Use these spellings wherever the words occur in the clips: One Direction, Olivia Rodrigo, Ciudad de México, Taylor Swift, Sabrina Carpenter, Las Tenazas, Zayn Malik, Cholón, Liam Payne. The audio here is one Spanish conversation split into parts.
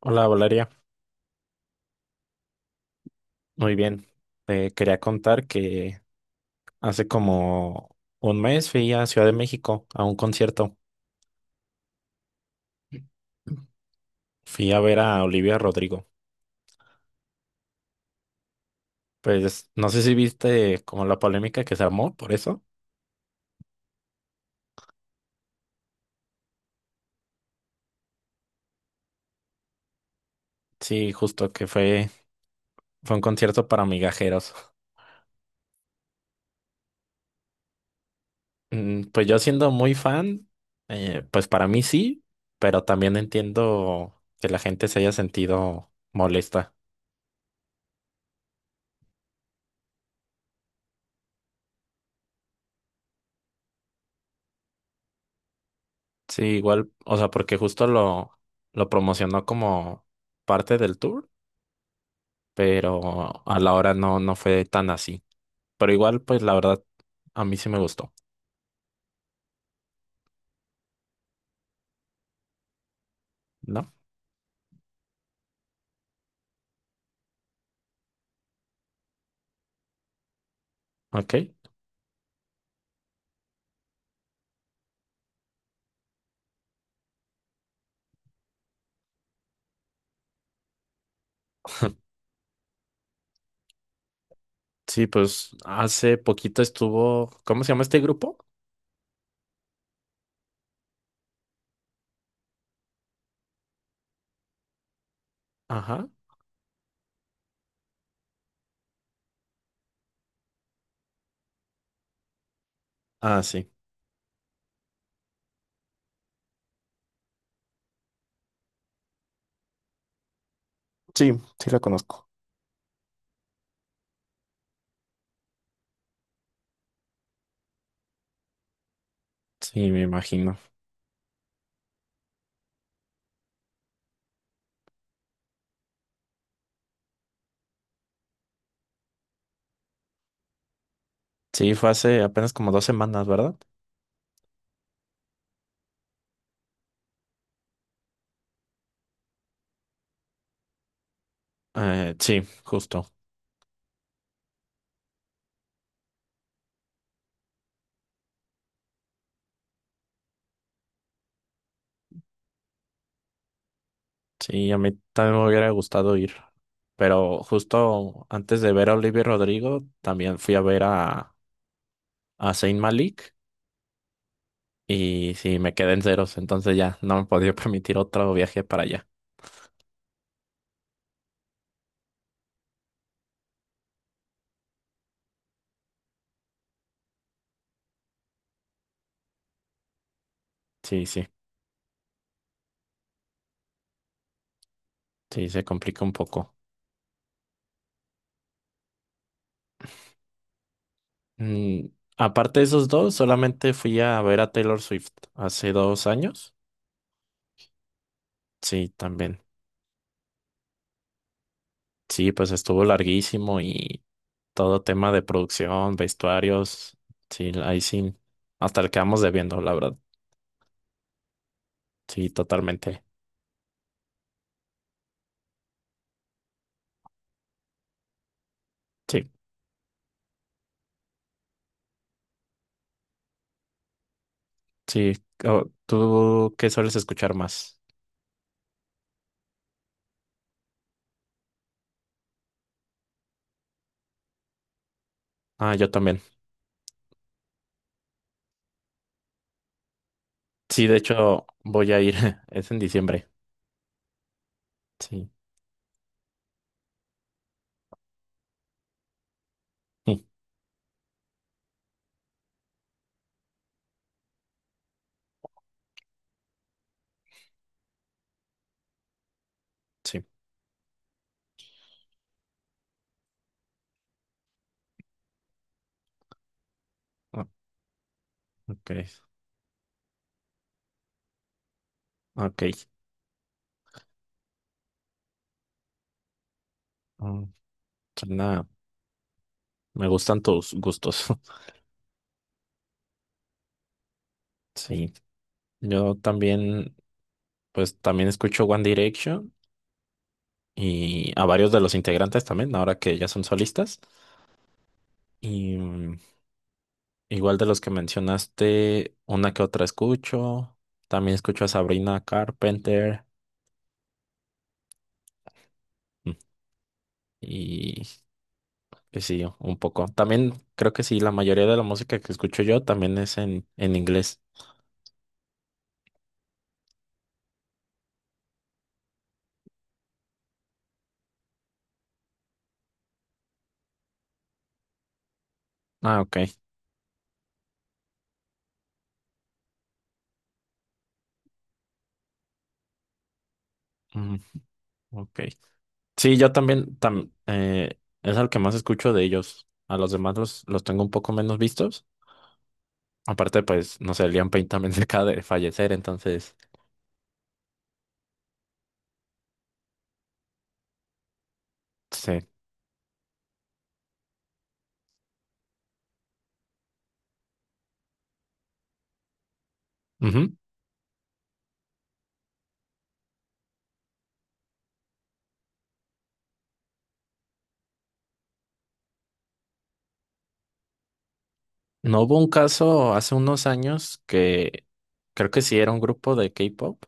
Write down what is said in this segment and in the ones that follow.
Hola Valeria, muy bien. Te quería contar que hace como un mes fui a Ciudad de México a un concierto. Fui a ver a Olivia Rodrigo. Pues no sé si viste como la polémica que se armó por eso. Sí, justo que fue un concierto para migajeros. Pues yo siendo muy fan, pues para mí sí, pero también entiendo que la gente se haya sentido molesta. Sí, igual, o sea, porque justo lo promocionó como parte del tour, pero a la hora no, no fue tan así. Pero igual, pues la verdad, a mí sí me gustó, ¿no? Ok. Sí, pues hace poquito estuvo, ¿cómo se llama este grupo? Ajá. Ah, sí. Sí, sí la conozco. Sí, me imagino. Sí, fue hace apenas como 2 semanas, ¿verdad? Sí, justo. Sí, a mí también me hubiera gustado ir, pero justo antes de ver a Olivia Rodrigo, también fui a ver a Zayn Malik y sí, me quedé en ceros, entonces ya no me podía permitir otro viaje para allá. Sí, sí, sí, se complica un poco. Mm, Aparte de esos dos, solamente fui a ver a Taylor Swift hace 2 años. Sí, también. Sí, pues estuvo larguísimo y todo tema de producción, vestuarios, sí, ahí sí, hasta le quedamos debiendo, la verdad. Sí, totalmente. Sí, sí. Oh, ¿tú qué sueles escuchar más? Ah, yo también. Sí, de hecho, voy a ir. Es en diciembre. Sí, sí, sí. Ah, ok, ok. Mm, suena- Me gustan tus gustos. Sí. Yo también, pues también escucho One Direction y a varios de los integrantes también, ahora que ya son solistas. Y mm, igual de los que mencionaste, una que otra escucho. También escucho a Sabrina Carpenter. Mm. Y pues sí, un poco. También creo que sí, la mayoría de la música que escucho yo también es en inglés. Ah, ok. Mm, ok. Sí, yo también es al que más escucho de ellos. A los demás los tengo un poco menos vistos. Acaparte, pues, no sé, Liam Payne también se acaba de fallecer, entonces, sí. Ujú. ¿No hubo un caso hace unos años que creo que sí era un grupo de K-pop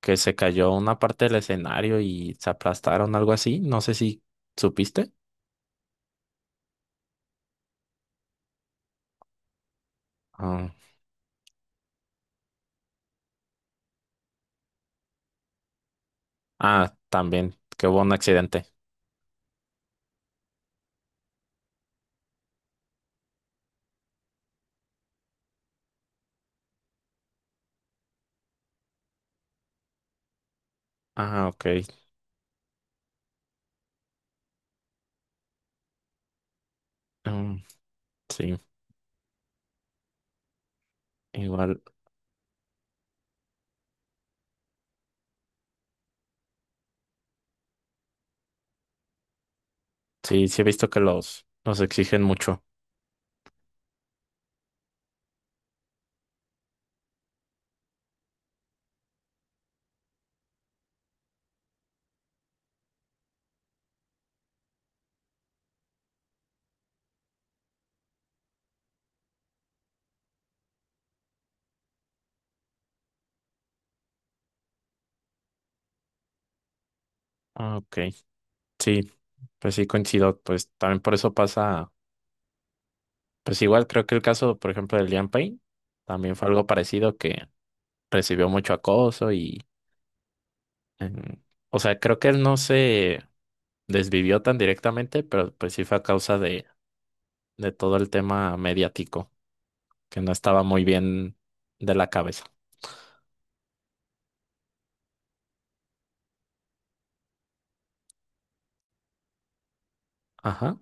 que se cayó una parte del escenario y se aplastaron, algo así? No sé si supiste. Ah, ah, también, que hubo un accidente. Ah, ok. Mm, sí, igual. Sí, sí he visto que los exigen mucho. Ah, ok. Sí, pues sí coincido. Pues también por eso pasa. Pues igual creo que el caso, por ejemplo, de Liam Payne también fue algo parecido, que recibió mucho acoso y. em, o sea, creo que él no se desvivió tan directamente, pero pues sí fue a causa de todo el tema mediático, que no estaba muy bien de la cabeza. Ajá,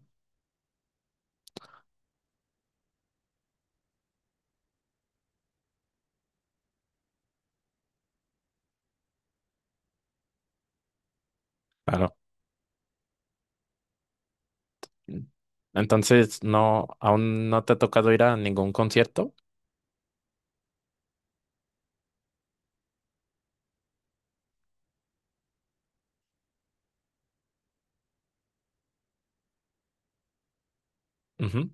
claro. Entonces, no, aún no te ha tocado ir a ningún concierto. Ujú,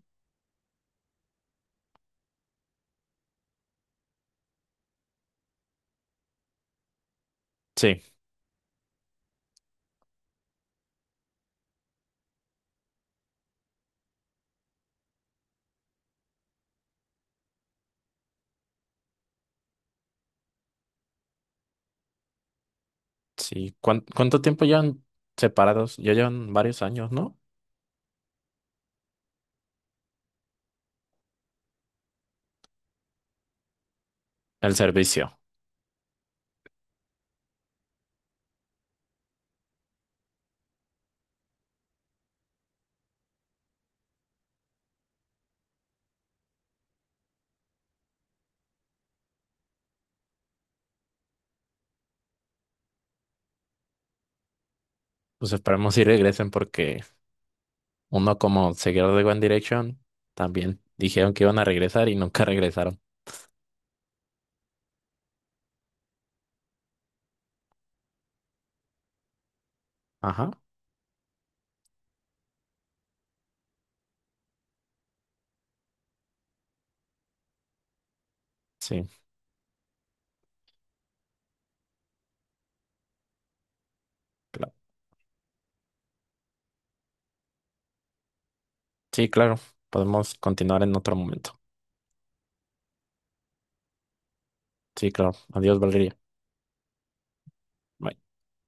sí, sí. ¿Cuánto tiempo llevan separados? Ya llevan varios años, ¿no? El servicio. Pues esperemos si regresen porque uno como seguidor de One Direction también dijeron que iban a regresar y nunca regresaron. Ajá, sí, claro. Sí, claro. Podemos continuar en otro momento. Sí, claro. Adiós, Valeria. Bye.